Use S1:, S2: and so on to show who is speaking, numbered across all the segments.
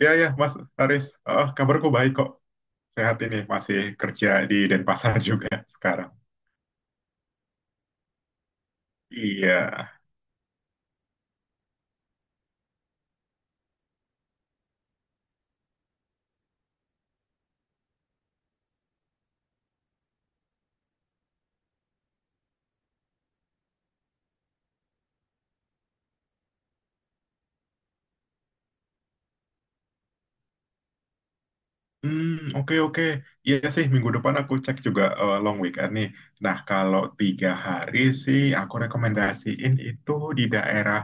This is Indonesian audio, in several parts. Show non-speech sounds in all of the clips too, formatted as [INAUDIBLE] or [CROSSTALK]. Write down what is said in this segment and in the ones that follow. S1: Iya, iya, Mas Haris. Oh, kabarku baik kok. Sehat ini, masih kerja di Denpasar [LAUGHS] juga sekarang. Iya. Hmm, oke oke. Iya sih minggu depan aku cek juga long weekend nih. Nah, kalau tiga hari sih aku rekomendasiin itu di daerah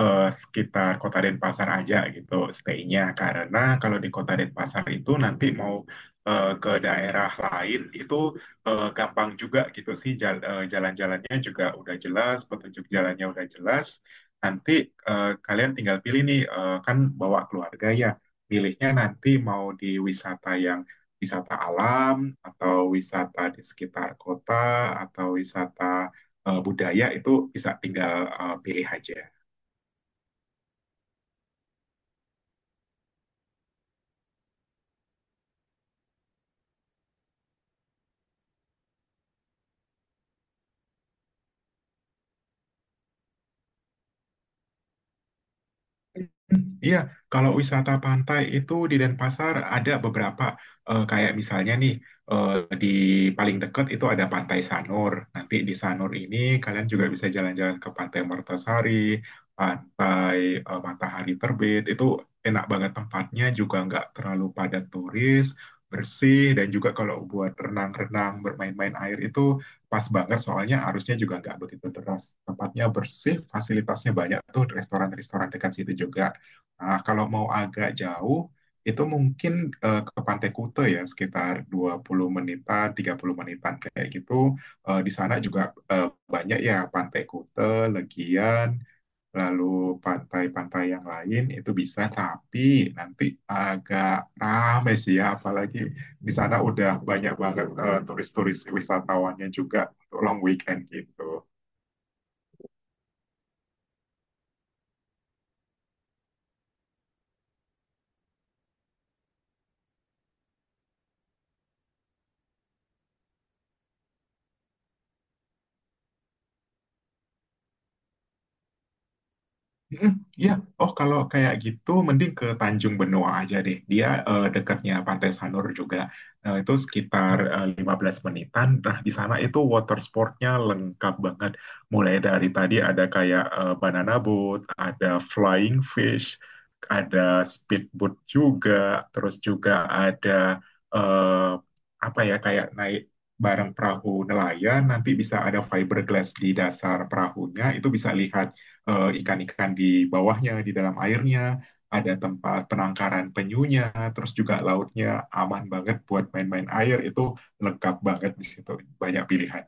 S1: sekitar Kota Denpasar aja gitu stay-nya. Karena kalau di Kota Denpasar itu nanti mau ke daerah lain itu gampang juga gitu sih, jalan-jalannya juga udah jelas, petunjuk jalannya udah jelas. Nanti kalian tinggal pilih nih, kan bawa keluarga ya, milihnya nanti mau di wisata yang wisata alam atau wisata di sekitar kota atau wisata budaya, itu bisa tinggal pilih aja. Iya, kalau wisata pantai itu di Denpasar ada beberapa, kayak misalnya nih, eh, di paling dekat itu ada Pantai Sanur. Nanti di Sanur ini kalian juga bisa jalan-jalan ke Pantai Mertasari, Pantai Matahari Terbit. Itu enak banget tempatnya, juga nggak terlalu padat turis, bersih, dan juga kalau buat renang-renang, bermain-main air itu pas banget, soalnya arusnya juga nggak begitu deras. Tempatnya bersih, fasilitasnya banyak tuh, restoran-restoran dekat situ juga. Nah, kalau mau agak jauh, itu mungkin ke Pantai Kuta ya, sekitar 20 menitan, 30 menitan kayak gitu. Di sana juga eh, banyak ya, Pantai Kuta, Legian, lalu pantai-pantai yang lain itu bisa, tapi nanti agak rame sih ya, apalagi di sana udah banyak banget turis-turis, wisatawannya juga untuk long weekend gitu. Mm, iya. Oh, kalau kayak gitu mending ke Tanjung Benoa aja deh. Dia dekatnya Pantai Sanur juga. Nah, itu sekitar 15 menitan. Nah, di sana itu water sportnya lengkap banget. Mulai dari tadi ada kayak banana boat, ada flying fish, ada speedboat juga, terus juga ada, eh, apa ya, kayak naik bareng perahu nelayan, nanti bisa ada fiberglass di dasar perahunya, itu bisa lihat ikan-ikan di bawahnya, di dalam airnya, ada tempat penangkaran penyunya, terus juga lautnya aman banget buat main-main air, itu lengkap banget di situ, banyak pilihan.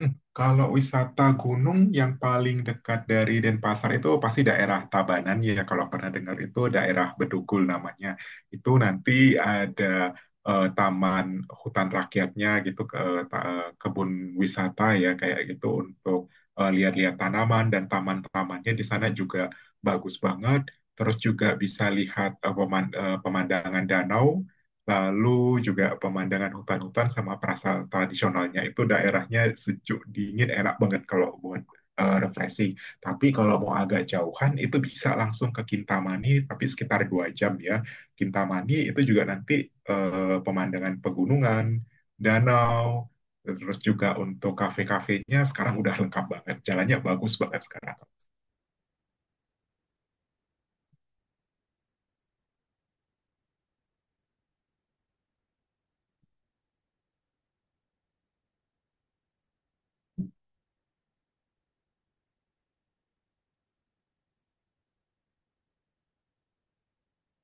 S1: Kalau wisata gunung yang paling dekat dari Denpasar itu pasti daerah Tabanan ya. Kalau pernah dengar itu daerah Bedugul namanya. Itu nanti ada taman hutan rakyatnya gitu, ke kebun wisata ya kayak gitu, untuk lihat-lihat tanaman, dan taman-tamannya di sana juga bagus banget. Terus juga bisa lihat pemandangan danau. Lalu juga pemandangan hutan-hutan sama perasaan tradisionalnya, itu daerahnya sejuk, dingin, enak banget kalau buat refreshing. Tapi kalau mau agak jauhan itu bisa langsung ke Kintamani, tapi sekitar 2 jam ya. Kintamani itu juga nanti pemandangan pegunungan, danau, terus juga untuk kafe-kafenya sekarang udah lengkap banget. Jalannya bagus banget sekarang.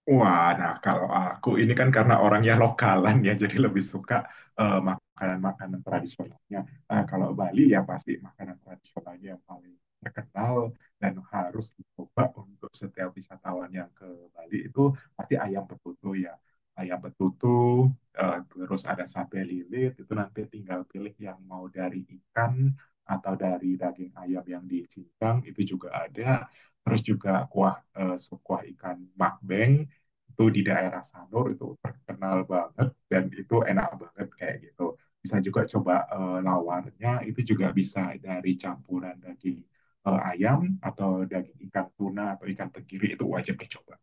S1: Wah, nah kalau aku ini kan karena orangnya lokalan ya, jadi lebih suka makanan-makanan tradisionalnya. Nah, kalau Bali ya pasti makanan tradisionalnya yang paling terkenal dan harus dicoba untuk setiap wisatawan yang ke Bali itu pasti ayam betutu ya. Ayam betutu, terus ada sate lilit, itu nanti tinggal pilih yang mau dari ikan atau dari daging ayam yang dicincang, itu juga ada. Terus juga kuah, sup kuah ikan makbeng itu di daerah Sanur itu terkenal banget, dan itu enak banget kayak gitu. Bisa juga coba lawarnya, itu juga bisa dari campuran daging ayam atau daging ikan tuna atau ikan tenggiri, itu wajib dicoba.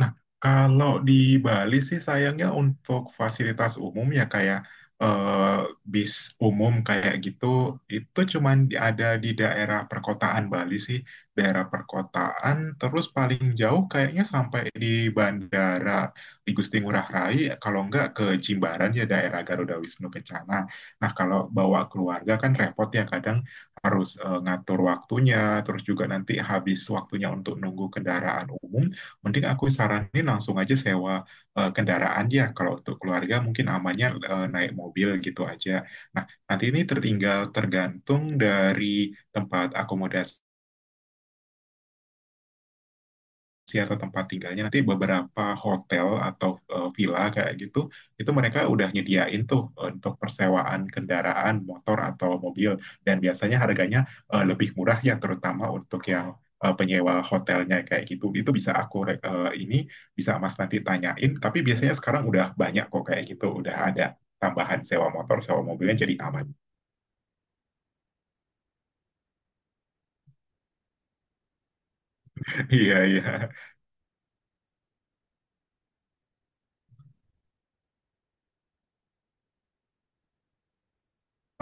S1: Nah, kalau di Bali sih sayangnya untuk fasilitas umum ya, kayak eh, bis umum kayak gitu, itu cuman ada di daerah perkotaan Bali sih. Daerah perkotaan, terus paling jauh kayaknya sampai di bandara di Gusti Ngurah Rai, kalau enggak ke Jimbaran ya daerah Garuda Wisnu Kencana. Nah, kalau bawa keluarga kan repot ya, kadang harus ngatur waktunya, terus juga nanti habis waktunya untuk nunggu kendaraan umum, mending aku saranin langsung aja sewa kendaraan ya. Kalau untuk keluarga mungkin amannya naik mobil gitu aja. Nah, nanti ini tertinggal tergantung dari tempat akomodasi si atau tempat tinggalnya, nanti beberapa hotel atau villa kayak gitu, itu mereka udah nyediain tuh untuk persewaan kendaraan motor atau mobil, dan biasanya harganya lebih murah ya, terutama untuk yang penyewa hotelnya kayak gitu, itu bisa aku ini bisa Mas nanti tanyain, tapi biasanya sekarang udah banyak kok kayak gitu, udah ada tambahan sewa motor, sewa mobilnya, jadi aman. [LAUGHS] Iya, iya.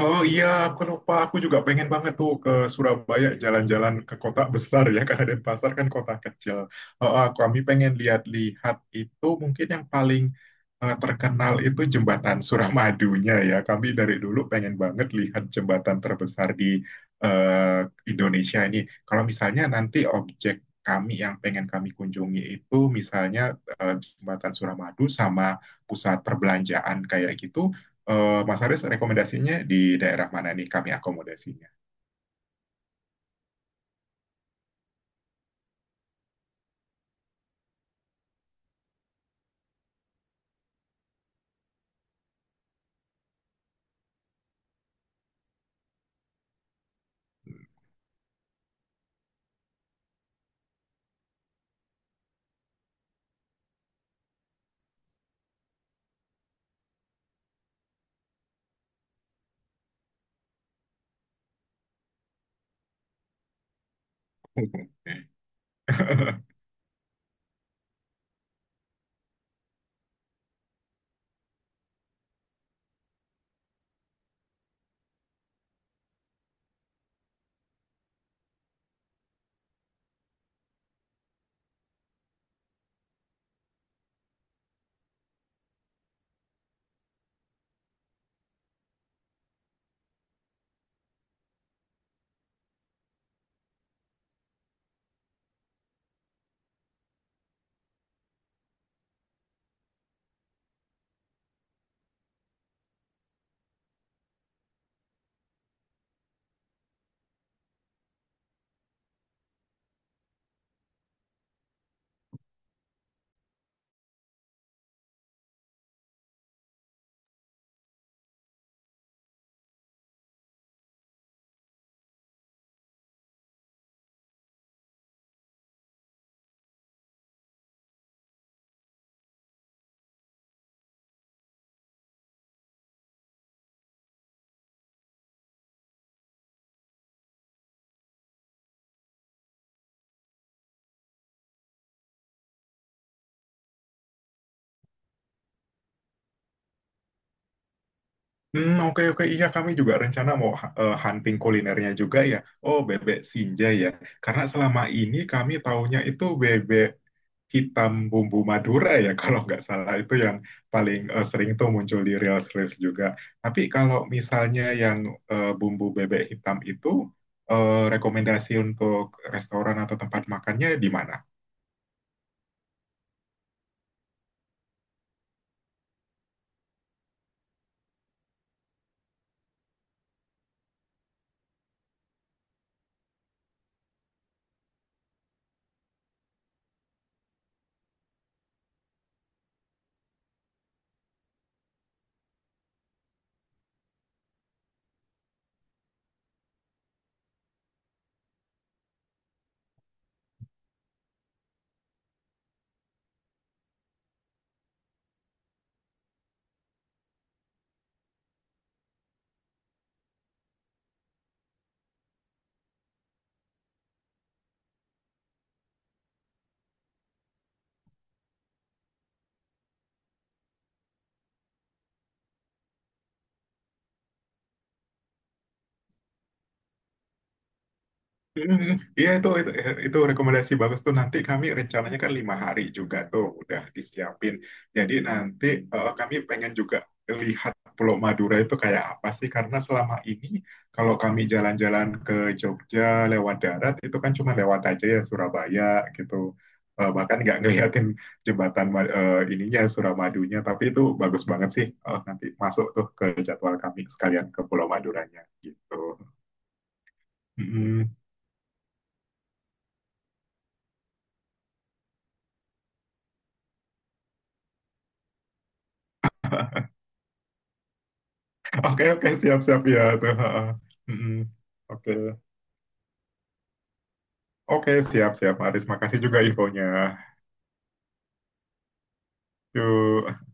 S1: Oh, iya, aku lupa. Aku juga pengen banget tuh ke Surabaya jalan-jalan ke kota besar ya, [LAUGHS] karena Denpasar kan kota kecil. Oh, kami pengen lihat-lihat itu, mungkin yang paling terkenal itu jembatan Suramadunya ya. Kami dari dulu pengen banget lihat jembatan terbesar di eh, Indonesia ini. Kalau misalnya nanti objek kami yang pengen kami kunjungi itu misalnya jembatan Suramadu sama pusat perbelanjaan kayak gitu. Mas Haris, rekomendasinya di daerah mana nih kami akomodasinya? [LAUGHS] Oke oke, iya kami juga rencana mau hunting kulinernya juga ya. Oh, bebek sinja ya. Karena selama ini kami taunya itu bebek hitam bumbu Madura ya, [LAUGHS] kalau nggak salah itu yang paling sering tuh muncul di reels-reels juga. Tapi kalau misalnya yang bumbu bebek hitam itu, rekomendasi untuk restoran atau tempat makannya di mana? Mm, iya, itu rekomendasi bagus tuh, nanti kami rencananya kan 5 hari juga tuh udah disiapin. Jadi nanti kami pengen juga lihat Pulau Madura itu kayak apa sih, karena selama ini kalau kami jalan-jalan ke Jogja lewat darat itu kan cuma lewat aja ya Surabaya gitu. Bahkan nggak ngeliatin jembatan ininya Suramadunya, tapi itu bagus banget sih. Nanti masuk tuh ke jadwal kami sekalian ke Pulau Maduranya gitu. Mm. Oke, oke, siap, siap ya tuh. Ha, ha. Mm-mm. Oke, oke, siap, siap, Aris. Makasih juga infonya. Yuk.